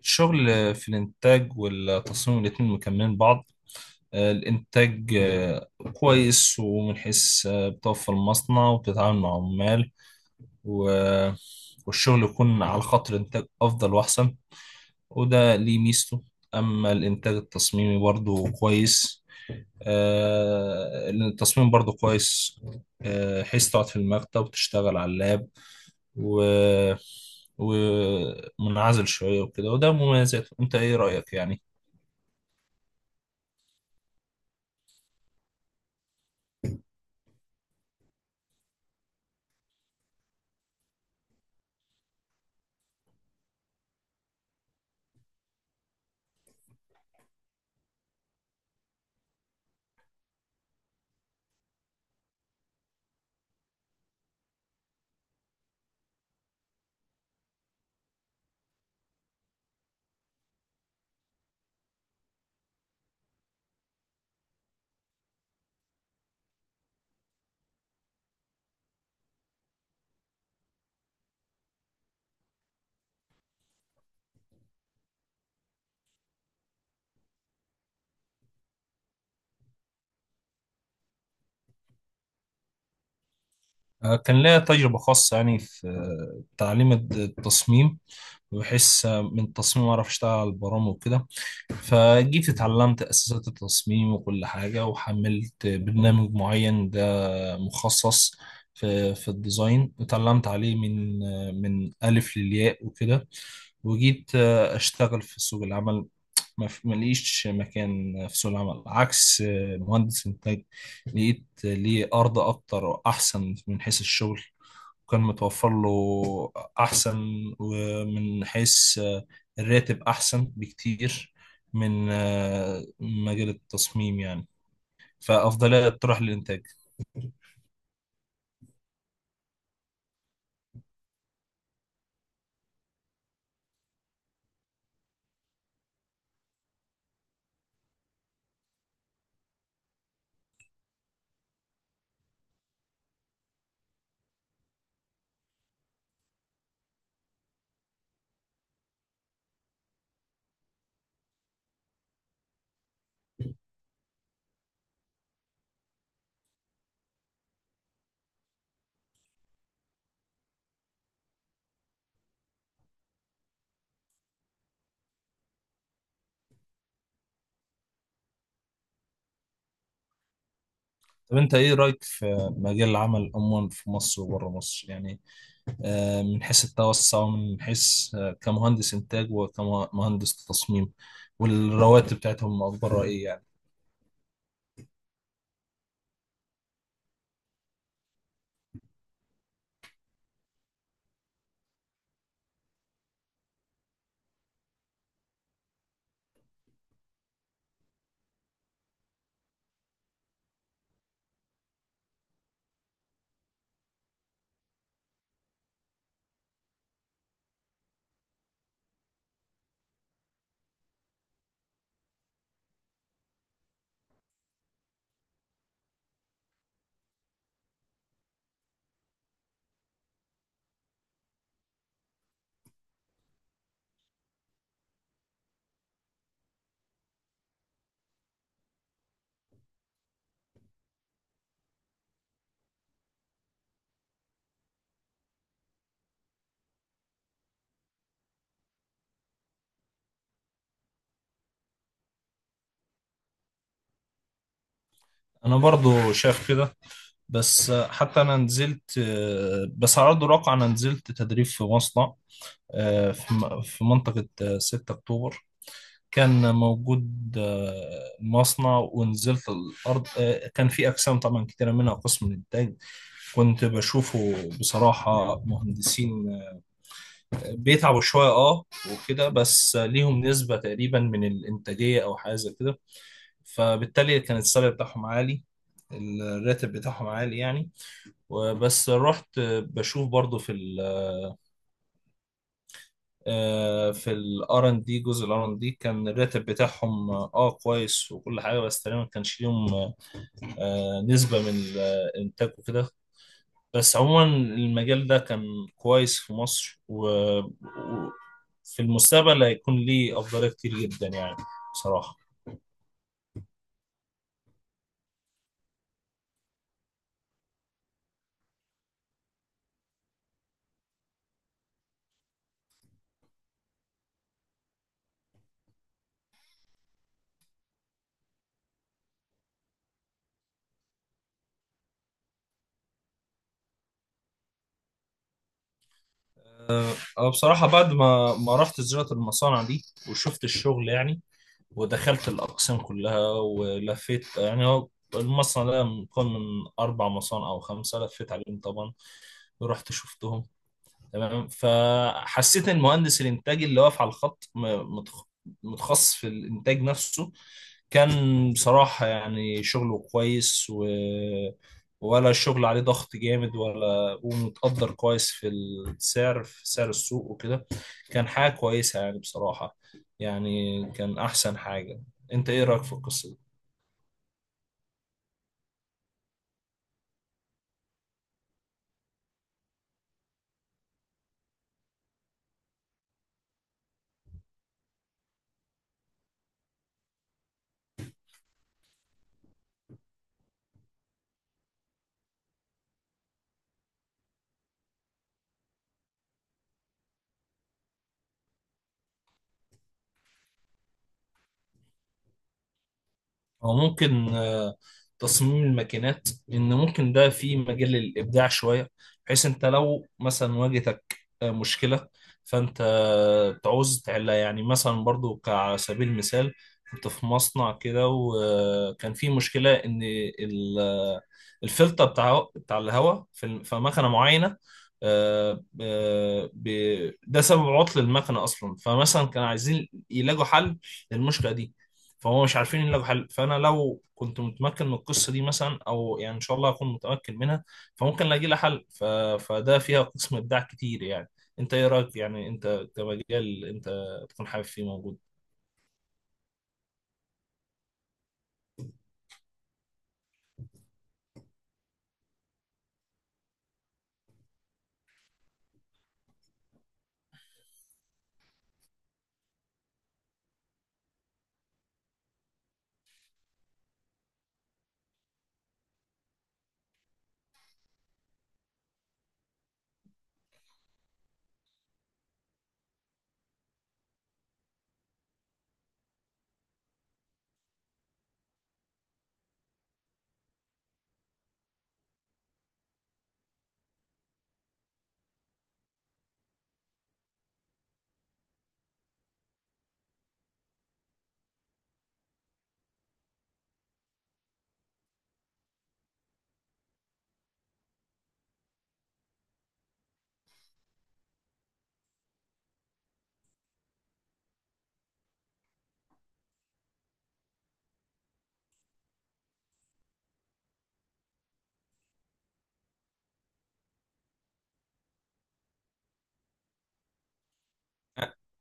الشغل في الإنتاج والتصميم الاتنين مكملين بعض، الإنتاج كويس، ومن حيث بتوفر المصنع وبتتعامل مع عمال، و- والشغل يكون على خط الإنتاج أفضل وأحسن، وده ليه ميزته. أما الإنتاج التصميمي برضه كويس، لأن التصميم برضه كويس، حيث تقعد في المكتب وتشتغل على اللاب، و ومنعزل شوية وكده، وده مميزاته. أنت إيه رأيك يعني؟ كان ليا تجربة خاصة يعني في تعليم التصميم. بحس من التصميم أعرف أشتغل على البرامج وكده، فجيت اتعلمت أساسات التصميم وكل حاجة، وحملت برنامج معين ده مخصص في الديزاين، اتعلمت عليه من من ألف للياء وكده. وجيت أشتغل في سوق العمل، ما لقيش مكان في سوق العمل، عكس مهندس إنتاج لقيت ليه أرض أكتر وأحسن من حيث الشغل، وكان متوفر له أحسن. ومن حيث الراتب أحسن بكتير من مجال التصميم يعني، فأفضلية تروح للإنتاج. طب أنت إيه رأيك في مجال العمل عموما في مصر وبره مصر يعني، من حيث التوسع، ومن حيث كمهندس إنتاج وكمهندس تصميم، والرواتب بتاعتهم أخبارها إيه يعني؟ أنا برضو شايف كده. بس حتى انا نزلت، بس على ارض الواقع انا نزلت تدريب في مصنع، في في منطقة 6 أكتوبر. كان موجود مصنع، ونزلت الأرض، كان في أقسام طبعا كتيرة منها قسم الإنتاج. كنت بشوفه بصراحة مهندسين بيتعبوا شوية وكده. بس ليهم نسبة تقريبا من الإنتاجية أو حاجة زي كده، فبالتالي كان السالري بتاعهم عالي، الراتب بتاعهم عالي يعني. وبس رحت بشوف برضو في في الار ان دي، جزء الار ان دي كان الراتب بتاعهم كويس وكل حاجه، بس تقريبا ما كانش ليهم نسبه من الانتاج وكده. بس عموما المجال ده كان كويس في مصر و- في المستقبل هيكون ليه أفضلية كتير جدا يعني، بصراحة. أنا بصراحة بعد ما رحت زيارة المصانع دي وشفت الشغل يعني، ودخلت الأقسام كلها ولفيت. يعني هو المصنع ده مكون من أربع مصانع أو خمسة، لفيت عليهم طبعا، رحت شفتهم تمام. فحسيت ان مهندس الانتاج اللي واقف على الخط متخصص في الانتاج نفسه، كان بصراحة يعني شغله كويس، ولا الشغل عليه ضغط جامد، ولا ومتقدر كويس في السعر في سعر السوق وكده. كان حاجة كويسة يعني بصراحة، يعني كان أحسن حاجة. أنت إيه رأيك في القصة دي؟ أو ممكن تصميم الماكينات، لأن ممكن ده فيه مجال للإبداع شوية. بحيث أنت لو مثلا واجهتك مشكلة، فأنت تعوز تحلها يعني. مثلا برضو كعلى سبيل المثال، كنت في مصنع كده وكان فيه مشكلة إن ال- آه، الفلتر بتاع الهواء في في مكنة معينة، ده سبب عطل المكنة أصلا. فمثلا كانوا عايزين يلاقوا حل للمشكلة دي، فهو مش عارفين الا بحل. فانا لو كنت متمكن من القصه دي مثلا، او يعني ان شاء الله اكون متمكن منها، فممكن الاقي لها حل. فده فيها قسم ابداع كتير يعني. انت ايه رايك يعني، انت كمجال انت تكون حابب فيه موجود؟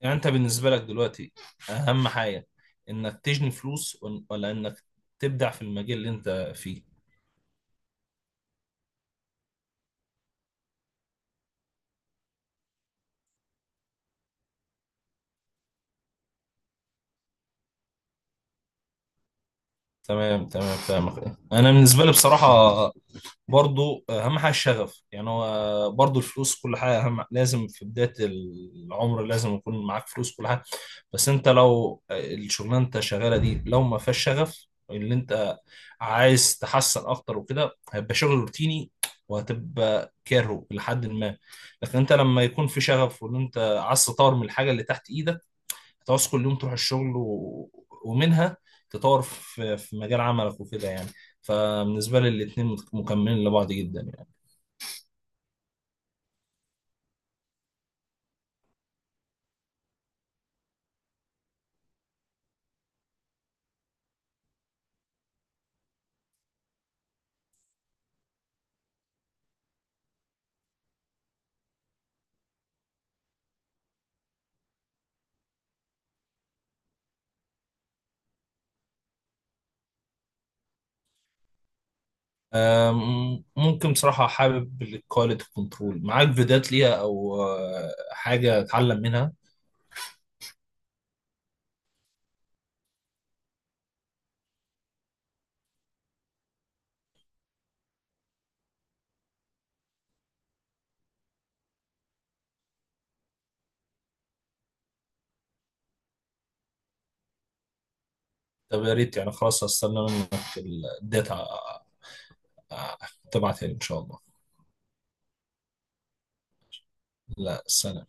يعني انت بالنسبه لك دلوقتي اهم حاجه انك تجني فلوس ولا انك تبدع في المجال اللي انت فيه؟ تمام تمام، فاهمك. انا بالنسبه لي بصراحه برضو اهم حاجه الشغف. يعني هو برضو الفلوس كل حاجه اهم، لازم في بدايه العمر لازم يكون معاك فلوس كل حاجه. بس انت لو الشغلانه انت شغاله دي لو ما فيهاش شغف اللي انت عايز تحسن اكتر وكده، هيبقى شغل روتيني، وهتبقى كارهه لحد ما. لكن انت لما يكون في شغف، وان انت عايز تطور من الحاجه اللي تحت ايدك، هتعوز كل يوم تروح الشغل ومنها تطور في مجال عملك وكده يعني. فبالنسبة لي الاتنين مكملين لبعض جدا يعني. ممكن بصراحة حابب الكواليتي كنترول. معاك فيديوهات ليها، أو حاجة أتعلم منها؟ طب يا ريت يعني، خلاص هستنى منك الداتا آه، تبعتها لي إن شاء الله. لا، سلام.